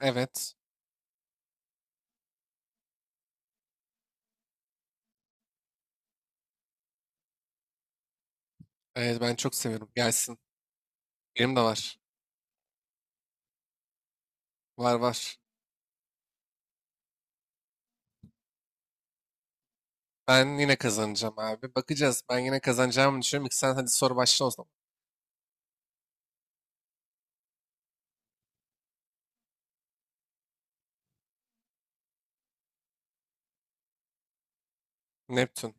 Evet. Evet ben çok seviyorum. Gelsin. Benim de var. Var var. Ben yine kazanacağım abi. Bakacağız. Ben yine kazanacağımı düşünüyorum. İki sen hadi soru başla o zaman. Neptün.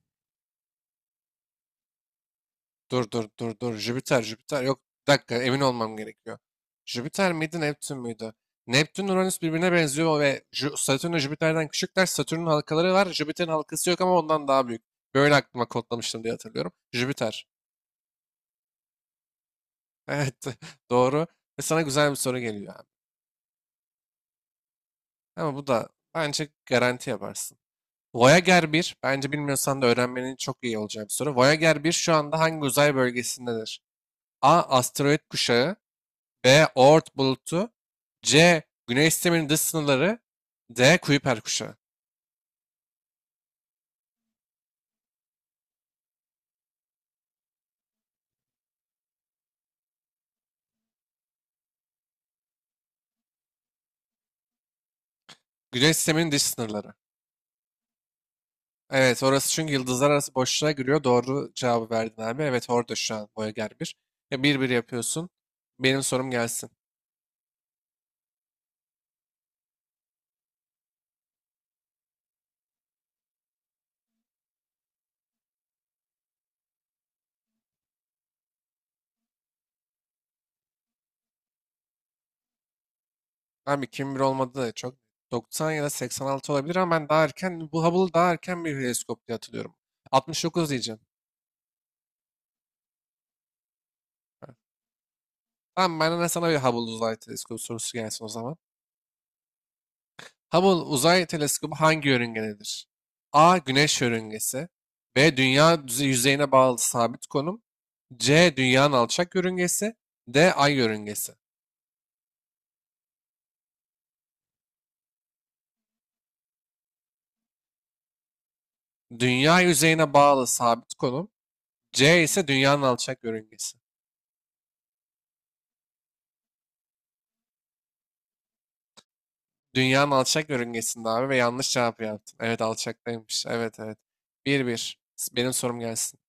Dur dur dur dur. Jüpiter Jüpiter. Yok bir dakika emin olmam gerekiyor. Jüpiter miydi Neptün müydü? Neptün Uranüs birbirine benziyor ve Satürn ve Jüpiter'den küçükler. Satürn'ün halkaları var. Jüpiter'in halkası yok ama ondan daha büyük. Böyle aklıma kodlamıştım diye hatırlıyorum. Jüpiter. Evet, doğru. Ve sana güzel bir soru geliyor abi. Ama bu da bence garanti yaparsın. Voyager bir bence bilmiyorsan da öğrenmenin çok iyi olacağı bir soru. Voyager bir şu anda hangi uzay bölgesindedir? A. Asteroid kuşağı. B. Oort bulutu. C. Güneş sisteminin dış sınırları. D. Kuiper kuşağı. Güneş sisteminin dış sınırları. Evet, orası çünkü yıldızlar arası boşluğa giriyor. Doğru cevabı verdin abi. Evet, orada şu an Voyager bir. Ya bir bir yapıyorsun. Benim sorum gelsin. Abi 2001 olmadı da çok. 90 ya da 86 olabilir ama ben daha erken, bu Hubble'ı daha erken bir teleskop diye hatırlıyorum. 69 diyeceğim. Tamam, ben de sana bir Hubble uzay teleskobu sorusu gelsin o zaman. Hubble uzay teleskobu hangi yörüngededir? A. Güneş yörüngesi. B. Dünya yüzeyine bağlı sabit konum. C. Dünyanın alçak yörüngesi. D. Ay yörüngesi. Dünya yüzeyine bağlı sabit konum. C ise dünyanın alçak yörüngesi. Dünyanın alçak yörüngesinde abi ve yanlış cevap yaptın. Evet, alçaktaymış. Evet, evet. Bir bir. Benim sorum gelsin.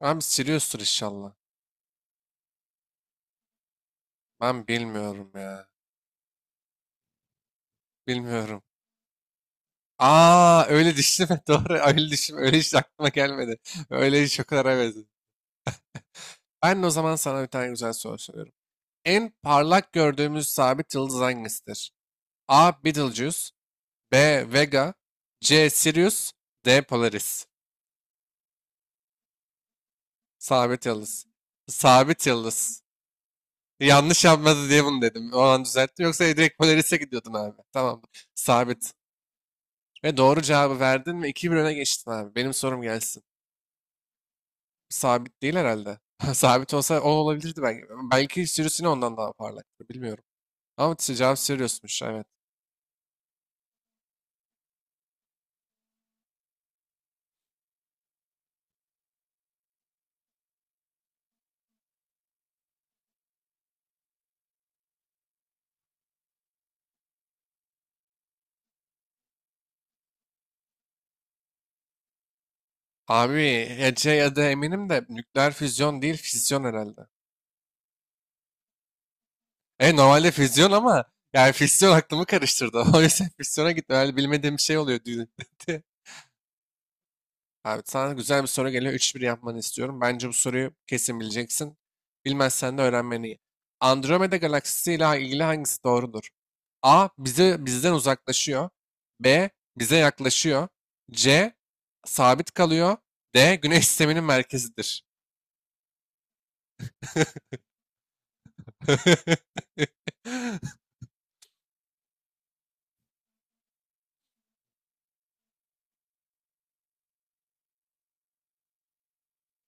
Abi Sirius'tur inşallah. Ben bilmiyorum ya. Bilmiyorum. Aa, öyle düşünme. Doğru, öyle düşünme. Öyle hiç aklıma gelmedi. Öyle hiç o kadar, evet. Ben de o zaman sana bir tane güzel soru soruyorum. En parlak gördüğümüz sabit yıldız hangisidir? A. Betelgeuse. B. Vega. C. Sirius. D. Polaris. Sabit yıldız. Sabit yıldız. Yanlış yapmadı diye bunu dedim. O an düzelttim. Yoksa direkt Polaris'e gidiyordun abi. Tamam. Sabit. Ve doğru cevabı verdin ve 2-1 öne geçtin abi. Benim sorum gelsin. Sabit değil herhalde. Sabit olsa o olabilirdi belki. Belki sürüsünü ondan daha parlaktı. Bilmiyorum. Ama işte cevap sürüyorsunmuş. Evet. Abi Ece ya da eminim de nükleer füzyon değil, fisyon herhalde. E, normalde füzyon ama yani fisyon aklımı karıştırdı. O yüzden fisyona gittim. Herhalde bilmediğim bir şey oluyor düğünde. Abi sana güzel bir soru geliyor. 3-1 yapmanı istiyorum. Bence bu soruyu kesin bileceksin. Bilmezsen de öğrenmen iyi. Andromeda galaksisi ile ilgili hangisi doğrudur? A. Bizden uzaklaşıyor. B. Bize yaklaşıyor. C. Sabit kalıyor. D. Güneş sisteminin merkezidir.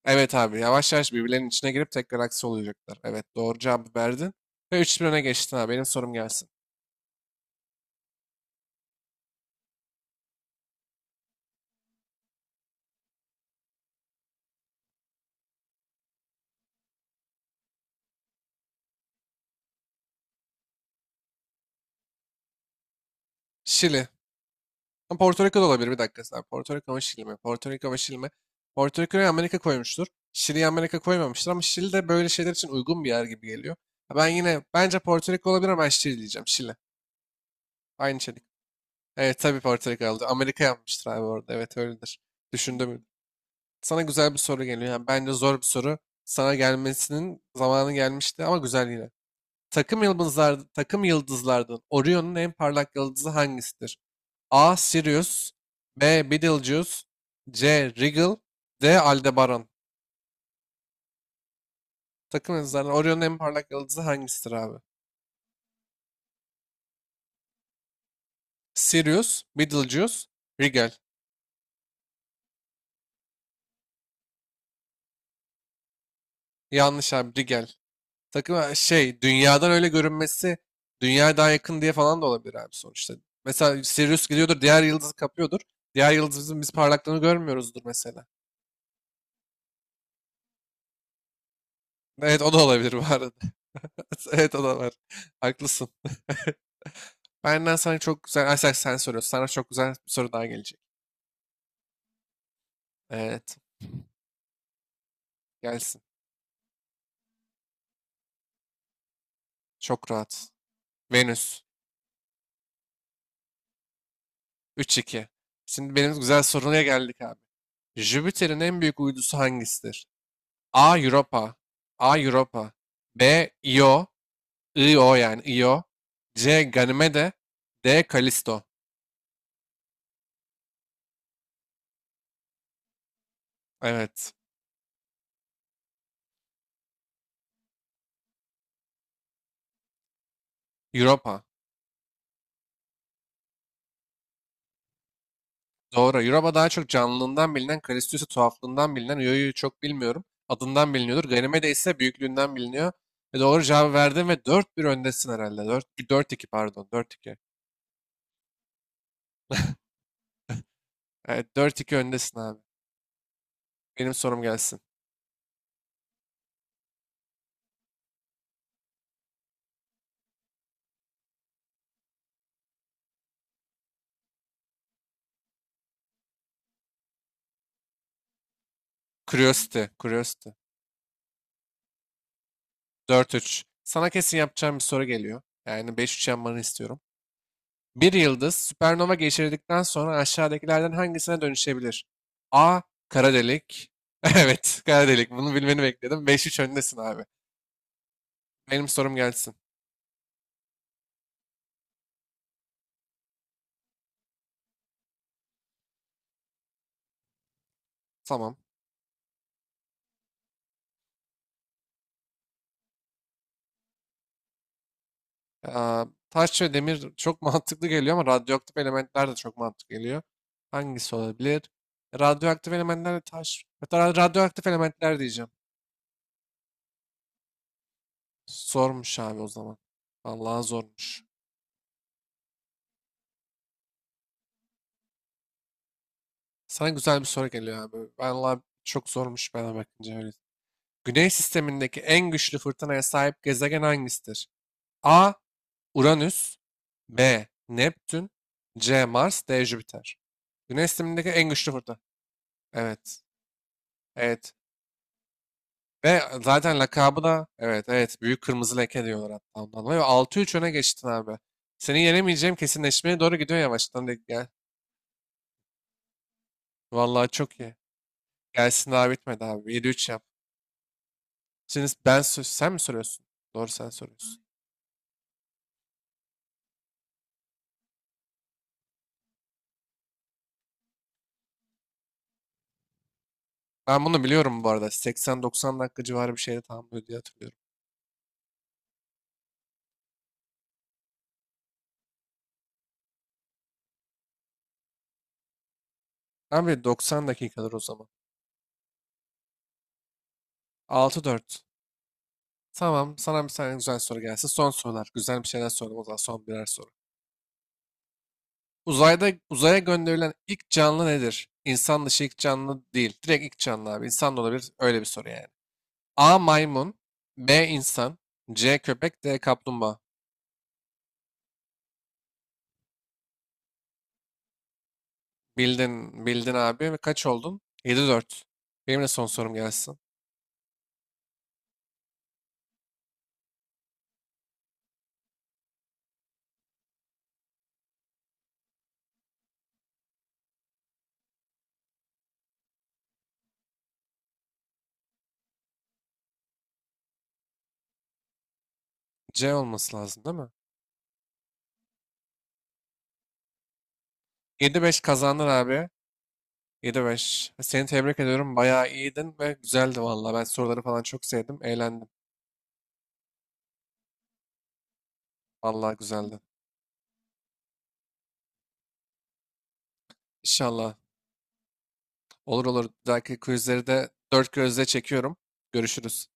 Evet abi, yavaş yavaş birbirlerinin içine girip tek galaksi olacaklar. Evet, doğru cevabı verdin. Ve üç 1 öne geçtin abi. Benim sorum gelsin. Şili. Ama Porto Rico da olabilir, bir dakika sen. Porto Rico ama Şili mi? Porto Rico ama Şili mi? Porto Rico'yu Amerika koymuştur. Şili'yi Amerika koymamıştır ama Şili de böyle şeyler için uygun bir yer gibi geliyor. Ha, ben yine bence Porto Rico olabilir ama ben Şili diyeceğim. Şili. Aynı içerik. Evet tabii, Porto Rico aldı. Amerika yapmıştır abi orada. Evet öyledir. Düşündüm. Sana güzel bir soru geliyor. Yani bence zor bir soru. Sana gelmesinin zamanı gelmişti ama güzel yine. Takım yıldızlardan Orion'un en parlak yıldızı hangisidir? A. Sirius. B. Betelgeuse. C. Rigel. D. Aldebaran. Takım yıldızlarından Orion'un en parlak yıldızı hangisidir abi? Sirius, Betelgeuse, Rigel. Yanlış abi, Rigel. Takım şey, dünyadan öyle görünmesi, dünyaya daha yakın diye falan da olabilir abi sonuçta. Mesela Sirius gidiyordur, diğer yıldızı kapıyordur. Diğer yıldızımızın biz parlaklığını görmüyoruzdur mesela. Evet, o da olabilir bu arada. Evet, o da var. Haklısın. Benden sana çok güzel, Ay, sen soruyorsun. Sana çok güzel bir soru daha gelecek. Evet, gelsin. Çok rahat. Venüs. 3-2. Şimdi benim güzel soruya geldik abi. Jüpiter'in en büyük uydusu hangisidir? A. Europa. A. Europa. B. Io. Io yani Io. C. Ganymede. D. Kalisto. Evet. Europa. Doğru. Europa daha çok canlılığından bilinen, Kalistius'u tuhaflığından bilinen, Ioiu'yu çok bilmiyorum. Adından biliniyordur. Ganymede ise büyüklüğünden biliniyor. Ve doğru cevabı verdin ve 4-1 öndesin herhalde. Dört iki pardon. 4-2. Evet, 4-2 öndesin abi. Benim sorum gelsin. Curiosity. Curiosity. 4-3. Sana kesin yapacağım bir soru geliyor. Yani 5-3 yapmanı istiyorum. Bir yıldız süpernova geçirdikten sonra aşağıdakilerden hangisine dönüşebilir? A. Kara delik. Evet, kara delik. Bunu bilmeni bekledim. 5-3 öndesin abi. Benim sorum gelsin. Tamam. Aa, taş ve demir çok mantıklı geliyor ama radyoaktif elementler de çok mantıklı geliyor. Hangisi olabilir? Radyoaktif elementler de taş. Hatta radyoaktif elementler diyeceğim. Zormuş abi o zaman. Vallahi zormuş. Sana güzel bir soru geliyor abi. Vallahi çok zormuş bana bakınca öyle. Güney sistemindeki en güçlü fırtınaya sahip gezegen hangisidir? A. Uranüs. B. Neptün. C. Mars. D. Jüpiter. Güneş sistemindeki en güçlü fırtına. Evet. Evet. Ve zaten lakabı da, evet evet, büyük kırmızı leke diyorlar hatta ondan dolayı. Ve 6-3 öne geçtin abi. Seni yenemeyeceğim kesinleşmeye doğru gidiyor yavaştan lig gel. Vallahi çok iyi. Gelsin, daha bitmedi abi. 7-3 yap. Şimdi sen mi soruyorsun? Doğru, sen soruyorsun. Ben bunu biliyorum bu arada. 80-90 dakika civarı bir şeyde tamamlıyor diye hatırlıyorum. Abi doksan dakikadır o zaman. 6-4. Tamam, sana bir tane güzel soru gelsin. Son sorular. Güzel bir şeyler soralım o zaman son birer soru. Uzaya gönderilen ilk canlı nedir? İnsan dışı ilk canlı değil. Direkt ilk canlı abi. İnsan da olabilir. Öyle bir soru yani. A. Maymun. B. insan. C. Köpek. D. Kaplumbağa. Bildin. Bildin abi. Ve kaç oldun? 7-4. Benim de son sorum gelsin. C olması lazım değil mi? 7-5 kazandın abi. 7-5. Seni tebrik ediyorum. Bayağı iyiydin ve güzeldi vallahi. Ben soruları falan çok sevdim. Eğlendim. Vallahi güzeldi. İnşallah. Olur olur. Bir dahaki quizleri de dört gözle çekiyorum. Görüşürüz.